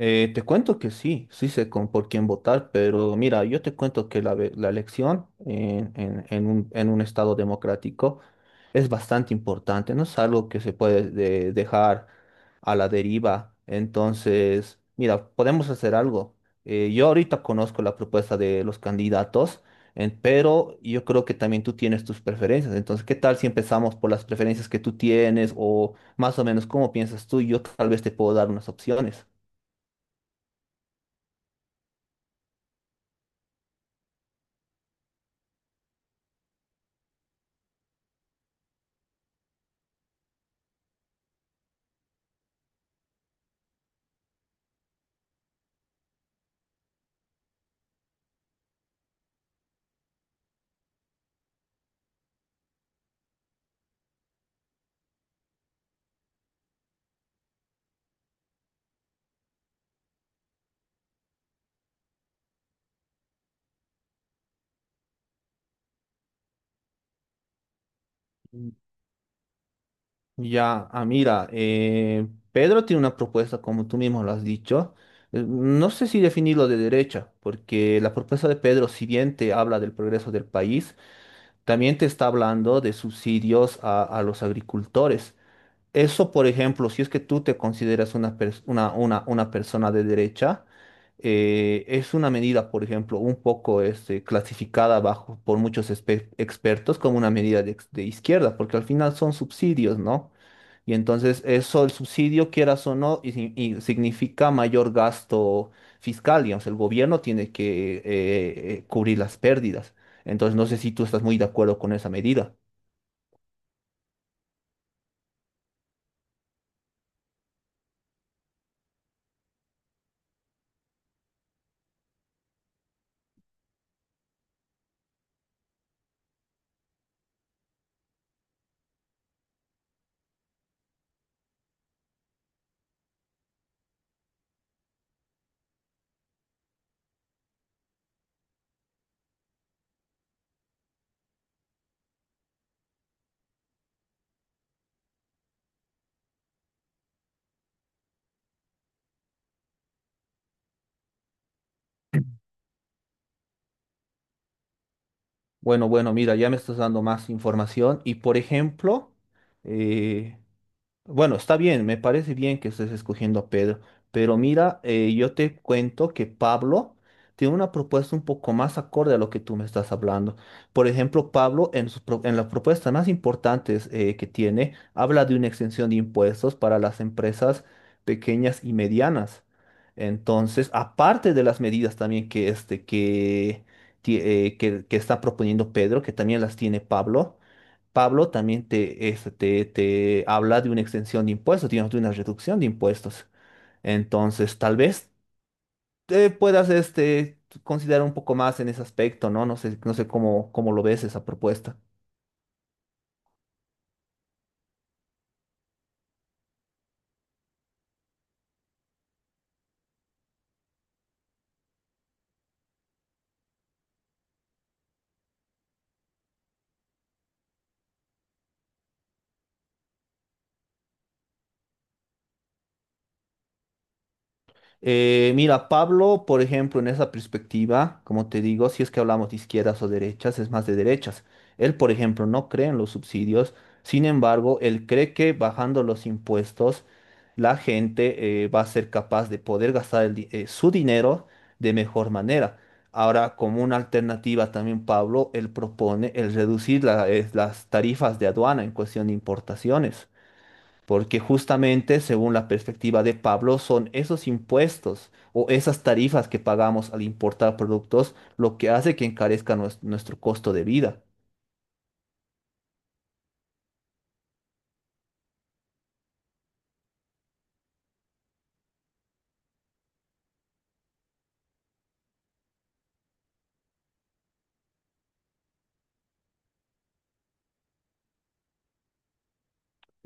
Te cuento que sí, sí sé con por quién votar, pero mira, yo te cuento que la elección en un estado democrático es bastante importante, no es algo que se puede dejar a la deriva. Entonces, mira, podemos hacer algo. Yo ahorita conozco la propuesta de los candidatos, pero yo creo que también tú tienes tus preferencias. Entonces, ¿qué tal si empezamos por las preferencias que tú tienes o más o menos cómo piensas tú? Y yo tal vez te puedo dar unas opciones. Ya, ah, mira, Pedro tiene una propuesta, como tú mismo lo has dicho. No sé si definirlo de derecha, porque la propuesta de Pedro, si bien te habla del progreso del país, también te está hablando de subsidios a los agricultores. Eso, por ejemplo, si es que tú te consideras una persona de derecha, es una medida, por ejemplo, un poco este, clasificada bajo, por muchos expertos como una medida de izquierda, porque al final son subsidios, ¿no? Y entonces eso, el subsidio, quieras o no, y, si- y significa mayor gasto fiscal, digamos, el gobierno tiene que cubrir las pérdidas. Entonces no sé si tú estás muy de acuerdo con esa medida. Bueno, bueno, mira, ya me estás dando más información y, por ejemplo, eh, Bueno, está bien, me parece bien que estés escogiendo a Pedro, pero mira, yo te cuento que Pablo tiene una propuesta un poco más acorde a lo que tú me estás hablando. Por ejemplo, Pablo en las propuestas más importantes que tiene, habla de una exención de impuestos para las empresas pequeñas y medianas. Entonces, aparte de las medidas también que que está proponiendo Pedro, que también las tiene Pablo. Pablo también te habla de una extensión de impuestos, digamos, de una reducción de impuestos. Entonces, tal vez te puedas este, considerar un poco más en ese aspecto, ¿no? No sé, no sé cómo, cómo lo ves esa propuesta. Mira, Pablo, por ejemplo, en esa perspectiva, como te digo, si es que hablamos de izquierdas o derechas, es más de derechas. Él, por ejemplo, no cree en los subsidios, sin embargo, él cree que bajando los impuestos, la gente va a ser capaz de poder gastar su dinero de mejor manera. Ahora, como una alternativa también, Pablo, él propone el reducir las tarifas de aduana en cuestión de importaciones porque justamente según la perspectiva de Pablo son esos impuestos o esas tarifas que pagamos al importar productos lo que hace que encarezca nuestro costo de vida.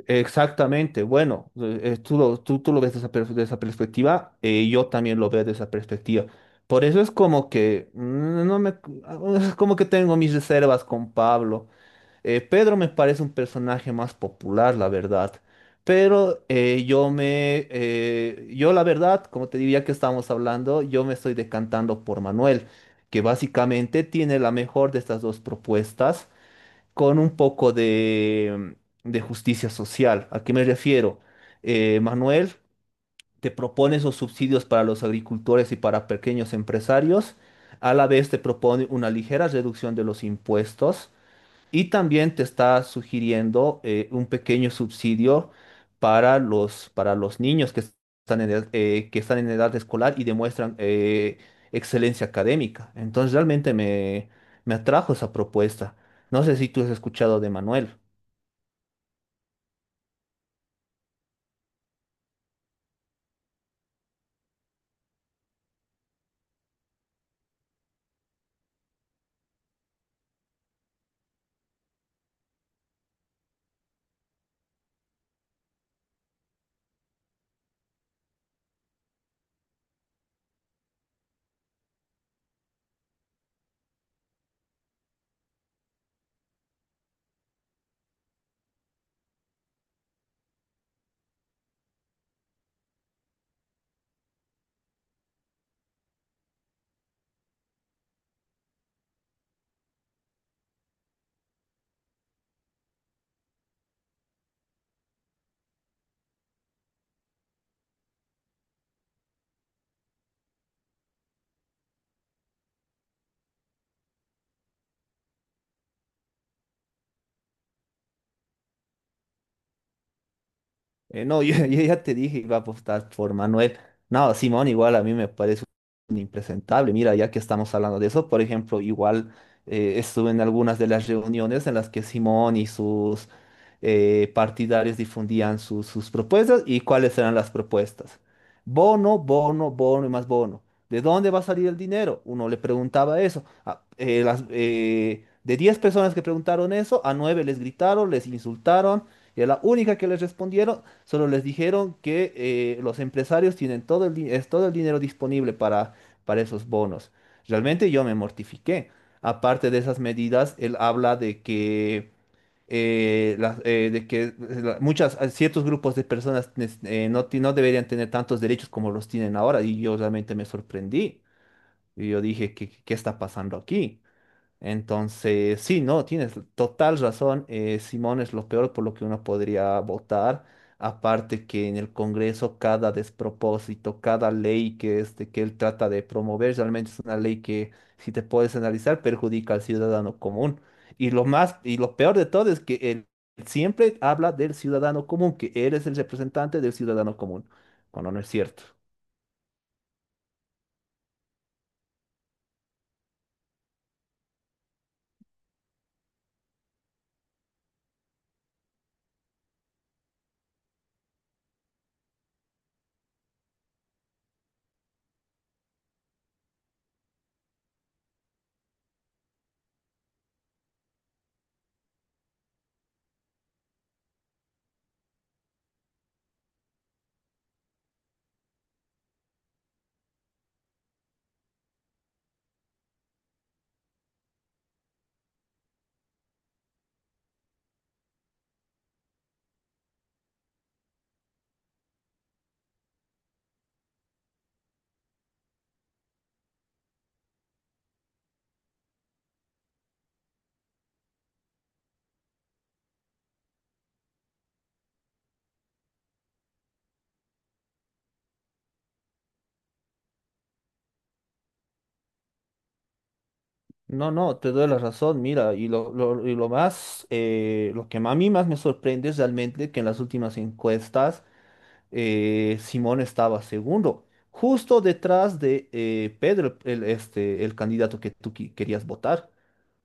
Exactamente, bueno, tú lo ves de esa de esa perspectiva, yo también lo veo de esa perspectiva. Por eso es como que mm, no me, ah, es como que tengo mis reservas con Pablo. Pedro me parece un personaje más popular, la verdad. Pero yo la verdad, como te diría que estábamos hablando, yo me estoy decantando por Manuel, que básicamente tiene la mejor de estas dos propuestas con un poco de, de justicia social. ¿A qué me refiero? Manuel te propone esos subsidios para los agricultores y para pequeños empresarios. A la vez te propone una ligera reducción de los impuestos y también te está sugiriendo un pequeño subsidio para los niños que están en edad, que están en edad escolar y demuestran excelencia académica. Entonces realmente me atrajo esa propuesta. No sé si tú has escuchado de Manuel. No, yo ya te dije, iba a apostar por Manuel. No, Simón igual a mí me parece un impresentable. Mira, ya que estamos hablando de eso, por ejemplo, igual estuve en algunas de las reuniones en las que Simón y sus partidarios difundían sus propuestas y cuáles eran las propuestas. Bono, bono, bono y más bono. ¿De dónde va a salir el dinero? Uno le preguntaba eso. De 10 personas que preguntaron eso, a 9 les gritaron, les insultaron. Y a la única que les respondieron solo les dijeron que los empresarios tienen todo el, di- es todo el dinero disponible para esos bonos. Realmente yo me mortifiqué. Aparte de esas medidas, él habla de que, las- de que la- muchas, ciertos grupos de personas no deberían tener tantos derechos como los tienen ahora. Y yo realmente me sorprendí. Y yo dije, ¿qué, qué está pasando aquí? Entonces, sí, no, tienes total razón. Simón es lo peor por lo que uno podría votar. Aparte que en el Congreso cada despropósito, cada ley que, este, que él trata de promover, realmente es una ley que, si te puedes analizar, perjudica al ciudadano común. Y lo más, y lo peor de todo es que él siempre habla del ciudadano común, que él es el representante del ciudadano común, cuando no es cierto. No, no, te doy la razón, mira, y lo más, lo que a mí más me sorprende es realmente que en las últimas encuestas Simón estaba segundo, justo detrás de Pedro, el, este, el candidato que tú querías votar.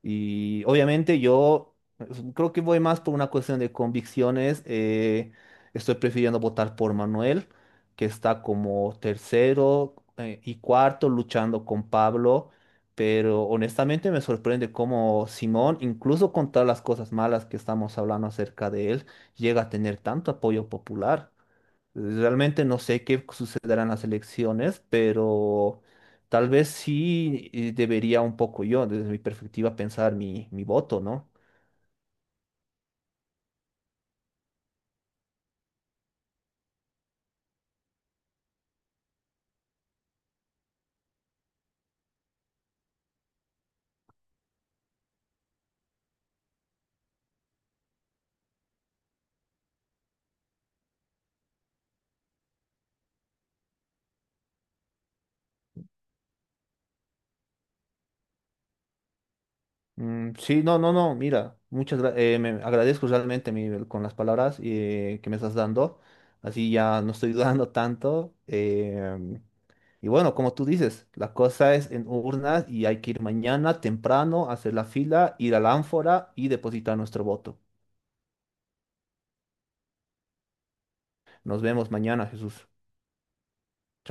Y obviamente yo pues, creo que voy más por una cuestión de convicciones. Estoy prefiriendo votar por Manuel, que está como tercero y cuarto luchando con Pablo. Pero honestamente me sorprende cómo Simón, incluso con todas las cosas malas que estamos hablando acerca de él, llega a tener tanto apoyo popular. Realmente no sé qué sucederán las elecciones, pero tal vez sí debería un poco yo, desde mi perspectiva, pensar mi, mi voto, ¿no? Mm, sí, no, no, no, mira, me agradezco realmente con las palabras que me estás dando, así ya no estoy dudando tanto. Y bueno, como tú dices, la cosa es en urnas y hay que ir mañana temprano, hacer la fila, ir a la ánfora y depositar nuestro voto. Nos vemos mañana, Jesús.